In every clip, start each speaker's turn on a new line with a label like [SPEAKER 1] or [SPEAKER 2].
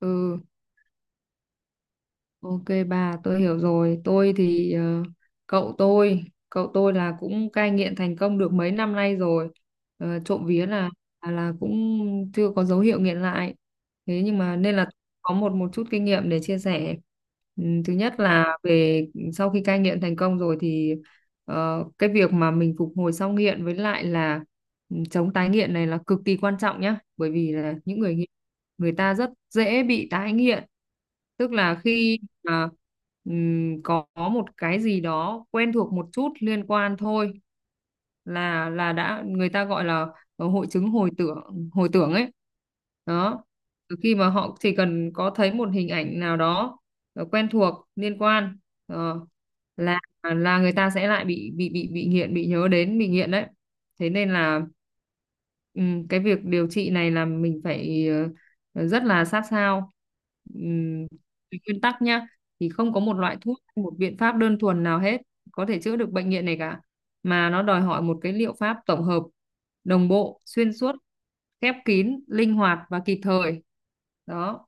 [SPEAKER 1] Ừ, Ok bà, tôi hiểu rồi. Tôi thì cậu tôi, cậu tôi là cũng cai nghiện thành công được mấy năm nay rồi. Trộm vía là cũng chưa có dấu hiệu nghiện lại. Thế nhưng mà nên là có một một chút kinh nghiệm để chia sẻ. Ừ, thứ nhất là về sau khi cai nghiện thành công rồi thì cái việc mà mình phục hồi sau nghiện với lại là chống tái nghiện này là cực kỳ quan trọng nhá, bởi vì là những người nghiện người ta rất dễ bị tái nghiện, tức là khi à, có một cái gì đó quen thuộc một chút liên quan thôi là đã người ta gọi là hội chứng hồi tưởng ấy đó. Từ khi mà họ chỉ cần có thấy một hình ảnh nào đó quen thuộc liên quan, ờ, là người ta sẽ lại bị nghiện, bị nhớ đến bị nghiện đấy. Thế nên là ừ, cái việc điều trị này là mình phải rất là sát sao. Ừm, Về nguyên tắc nhá, thì không có một loại thuốc, một biện pháp đơn thuần nào hết có thể chữa được bệnh nghiện này cả, mà nó đòi hỏi một cái liệu pháp tổng hợp, đồng bộ, xuyên suốt, khép kín, linh hoạt và kịp thời. Đó.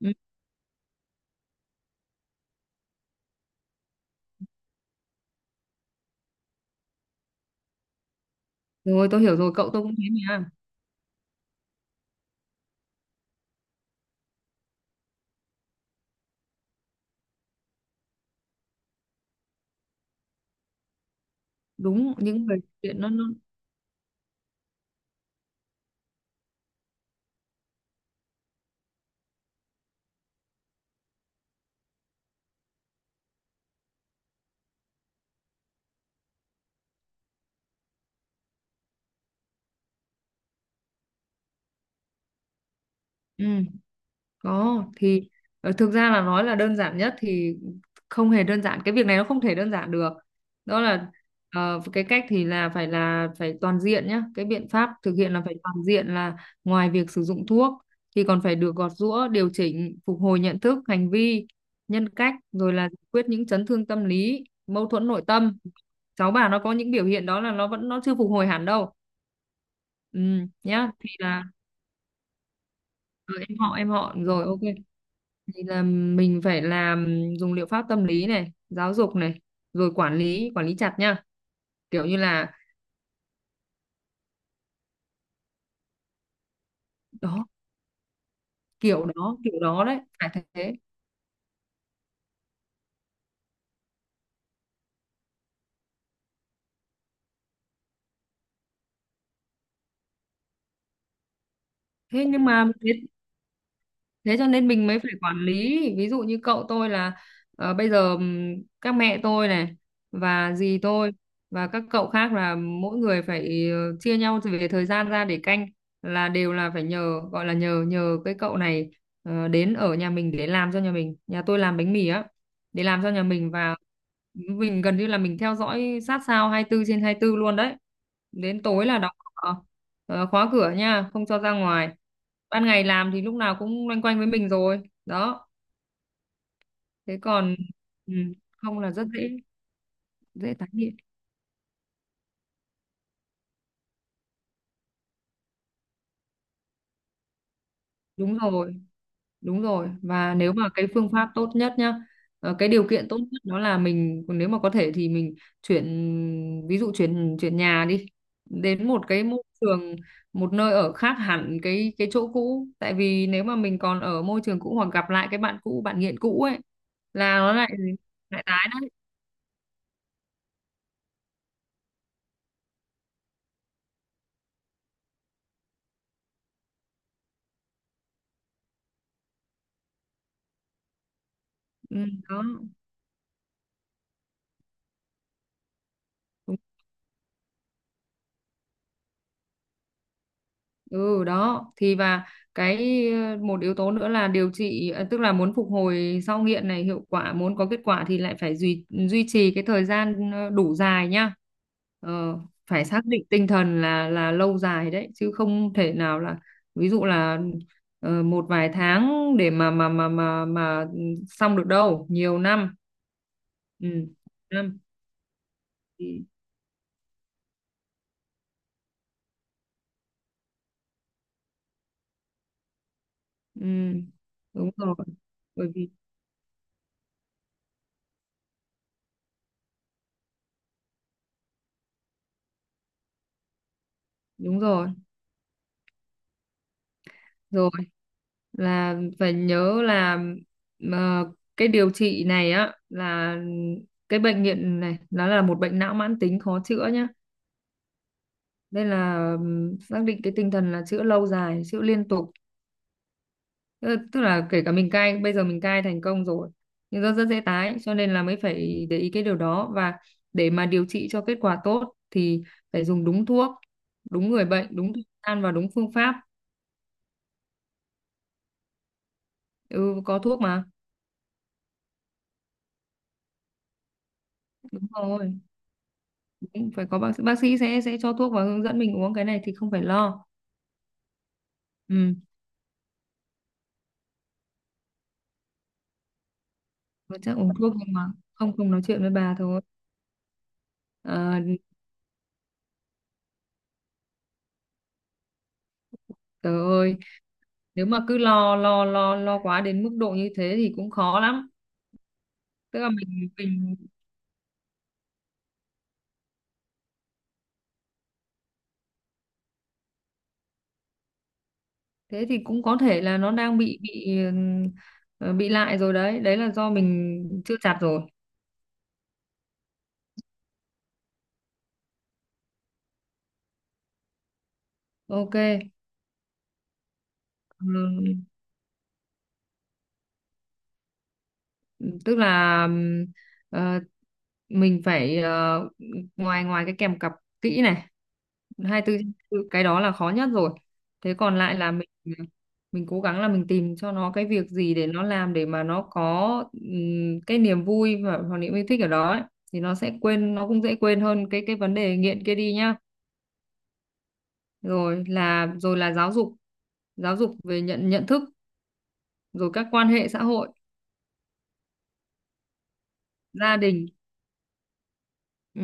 [SPEAKER 1] Ừ. Rồi tôi hiểu rồi, cậu tôi cũng thế mà. Đúng những người chuyện nó ừ. Có thì thực ra là nói là đơn giản nhất thì không hề đơn giản, cái việc này nó không thể đơn giản được, đó là cái cách thì là phải toàn diện nhá, cái biện pháp thực hiện là phải toàn diện, là ngoài việc sử dụng thuốc thì còn phải được gọt giũa điều chỉnh phục hồi nhận thức hành vi nhân cách, rồi là giải quyết những chấn thương tâm lý mâu thuẫn nội tâm. Cháu bà nó có những biểu hiện đó là nó vẫn, nó chưa phục hồi hẳn đâu. Ừ, nhá thì là ờ, em họ rồi ok. Thì là mình phải làm, dùng liệu pháp tâm lý này, giáo dục này, rồi quản lý chặt nha, kiểu như là đó, kiểu đó kiểu đó đấy phải thế. Thế nhưng mà thế thế cho nên mình mới phải quản lý, ví dụ như cậu tôi là bây giờ, các mẹ tôi này và dì tôi và các cậu khác là mỗi người phải chia nhau về thời gian ra để canh, là đều là phải nhờ, gọi là nhờ, cái cậu này đến ở nhà mình để làm cho nhà mình, nhà tôi làm bánh mì á, để làm cho nhà mình, và mình gần như là mình theo dõi sát sao 24/24 luôn đấy. Đến tối là Ờ, khóa cửa nha, không cho ra ngoài. Ban ngày làm thì lúc nào cũng loanh quanh với mình rồi. Đó, thế còn ừ, không là rất dễ dễ tái nghiện. Đúng rồi, đúng rồi. Và nếu mà cái phương pháp tốt nhất nhá, cái điều kiện tốt nhất đó là mình nếu mà có thể thì mình chuyển, ví dụ chuyển chuyển nhà đi, đến một cái môi trường, một nơi ở khác hẳn cái chỗ cũ, tại vì nếu mà mình còn ở môi trường cũ hoặc gặp lại cái bạn cũ, bạn nghiện cũ ấy là nó lại lại tái đấy. Ừ, đó đúng. Ừ đó thì, và cái một yếu tố nữa là điều trị, tức là muốn phục hồi sau nghiện này hiệu quả, muốn có kết quả thì lại phải duy duy trì cái thời gian đủ dài nhá. ờ, Phải xác định tinh thần là lâu dài đấy, chứ không thể nào là ví dụ là một vài tháng để mà xong được đâu, nhiều năm. Ừ năm thì ừ, đúng rồi, bởi vì đúng rồi. Rồi là phải nhớ là ờ, cái điều trị này á, là cái bệnh nghiện này nó là một bệnh não mãn tính khó chữa nhá, nên là xác định cái tinh thần là chữa lâu dài, chữa liên tục. Tức, là kể cả mình cai, bây giờ mình cai thành công rồi nhưng rất rất dễ tái, cho nên là mới phải để ý cái điều đó. Và để mà điều trị cho kết quả tốt thì phải dùng đúng thuốc, đúng người bệnh, đúng thời gian và đúng phương pháp. Ừ, có thuốc mà. Đúng rồi, cũng phải có bác sĩ, sẽ cho thuốc và hướng dẫn mình uống, cái này thì không phải lo. Ừ mà chắc uống thuốc, nhưng mà không không nói chuyện với bà thôi. Ờ, Trời ơi, nếu mà cứ lo lo lo lo quá đến mức độ như thế thì cũng khó lắm. Tức là mình thế thì cũng có thể là nó đang bị, bị lại rồi đấy đấy là do mình chưa chặt rồi. Ok. ừ, Tức là ờ, mình phải ngoài ngoài cái kèm cặp kỹ này, 24/24, cái đó là khó nhất rồi. Thế còn lại là mình ờ, mình cố gắng là mình tìm cho nó cái việc gì để nó làm, để mà nó có cái niềm vui và hoặc niềm yêu thích ở đó ấy. Thì nó sẽ quên, nó cũng dễ quên hơn cái vấn đề nghiện kia đi nhá. Rồi là giáo dục, về nhận nhận thức, rồi các quan hệ xã hội, gia đình. Ừ,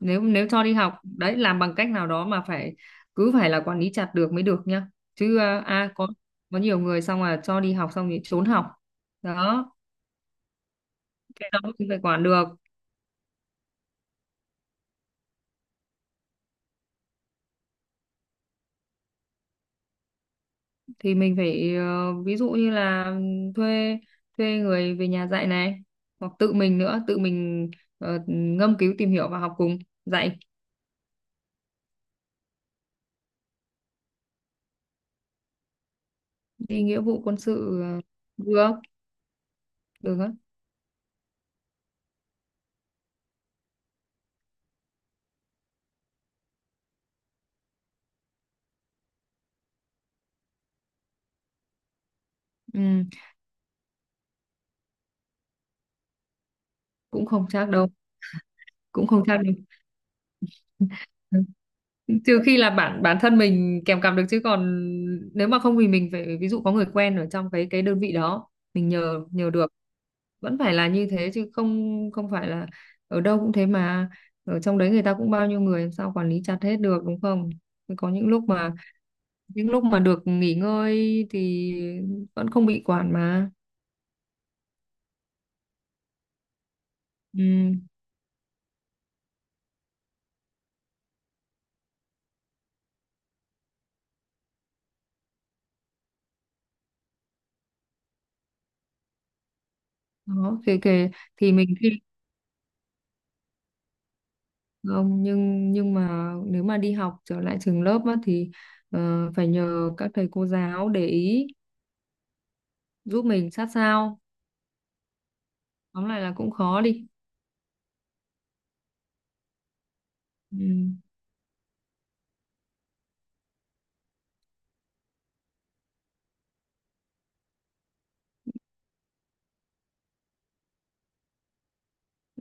[SPEAKER 1] nếu nếu cho đi học đấy, làm bằng cách nào đó mà phải cứ phải là quản lý chặt được mới được nhá, chứ có, nhiều người xong là cho đi học xong thì trốn học đó. Cái đó mình phải quản được, thì mình phải ví dụ như là thuê, người về nhà dạy này, hoặc tự mình nữa, tự mình ngâm cứu tìm hiểu và học cùng dạy. Đi nghĩa vụ quân sự được, á. Ừ, cũng không chắc đâu, cũng không chắc đâu. Trừ khi là bản bản thân mình kèm cặp được, chứ còn nếu mà không thì mình phải ví dụ có người quen ở trong cái đơn vị đó, mình nhờ, được. Vẫn phải là như thế chứ không không phải là ở đâu cũng thế mà. Ở trong đấy người ta cũng bao nhiêu người, làm sao quản lý chặt hết được đúng không, có những lúc mà, được nghỉ ngơi thì vẫn không bị quản mà. Ừ. Đó kể kể thì mình khi không, nhưng mà nếu mà đi học trở lại trường lớp á, thì phải nhờ các thầy cô giáo để ý giúp mình sát sao. Tóm lại là cũng khó đi. Ừ.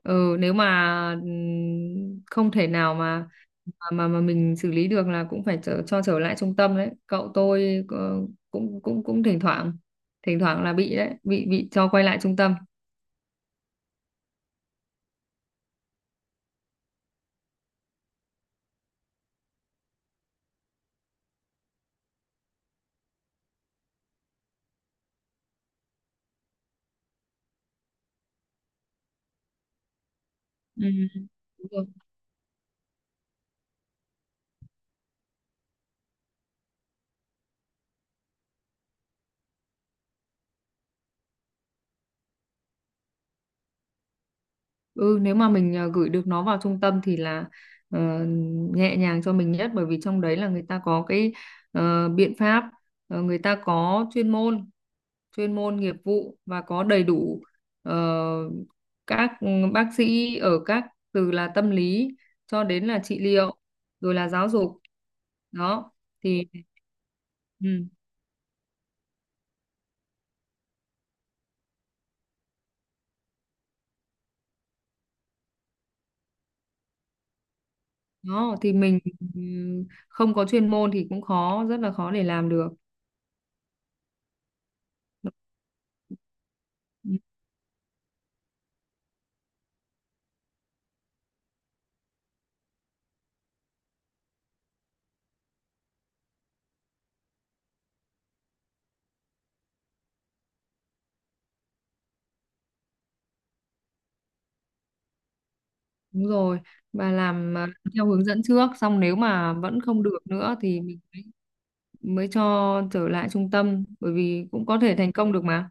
[SPEAKER 1] Ừ nếu mà không thể nào mà mình xử lý được, là cũng phải cho trở lại trung tâm đấy. Cậu tôi cũng cũng cũng thỉnh thoảng, là bị đấy, bị cho quay lại trung tâm. Ừ. Đúng rồi. Ừ nếu mà mình gửi được nó vào trung tâm thì là ờ, nhẹ nhàng cho mình nhất, bởi vì trong đấy là người ta có cái biện pháp, người ta có chuyên môn, nghiệp vụ và có đầy đủ ờ, các bác sĩ ở các, từ là tâm lý cho đến là trị liệu, rồi là giáo dục đó. Thì ừ, đó thì mình ừ, không có chuyên môn thì cũng khó, rất là khó để làm được. Ừ, đúng rồi, và làm theo hướng dẫn trước, xong nếu mà vẫn không được nữa thì mình mới cho trở lại trung tâm, bởi vì cũng có thể thành công được mà.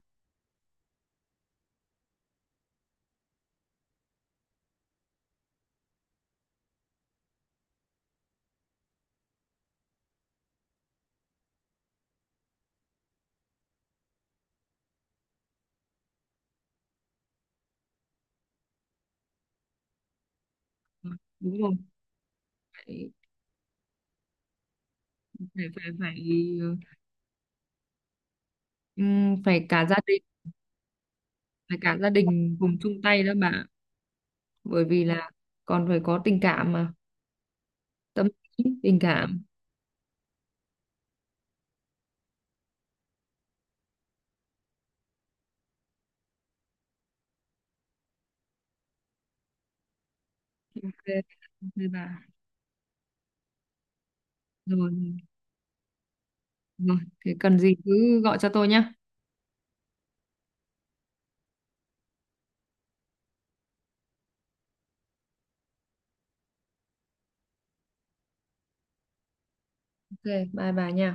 [SPEAKER 1] Ừ, đúng rồi, phải, phải. Phải cả gia đình, cùng chung tay đó bà. Bởi vì là còn phải có tình cảm mà, tâm lý tình cảm. Ok, ok bà, rồi rồi rồi. Thế cần gì cứ gọi cho tôi nhá. Ok, bye bà nha.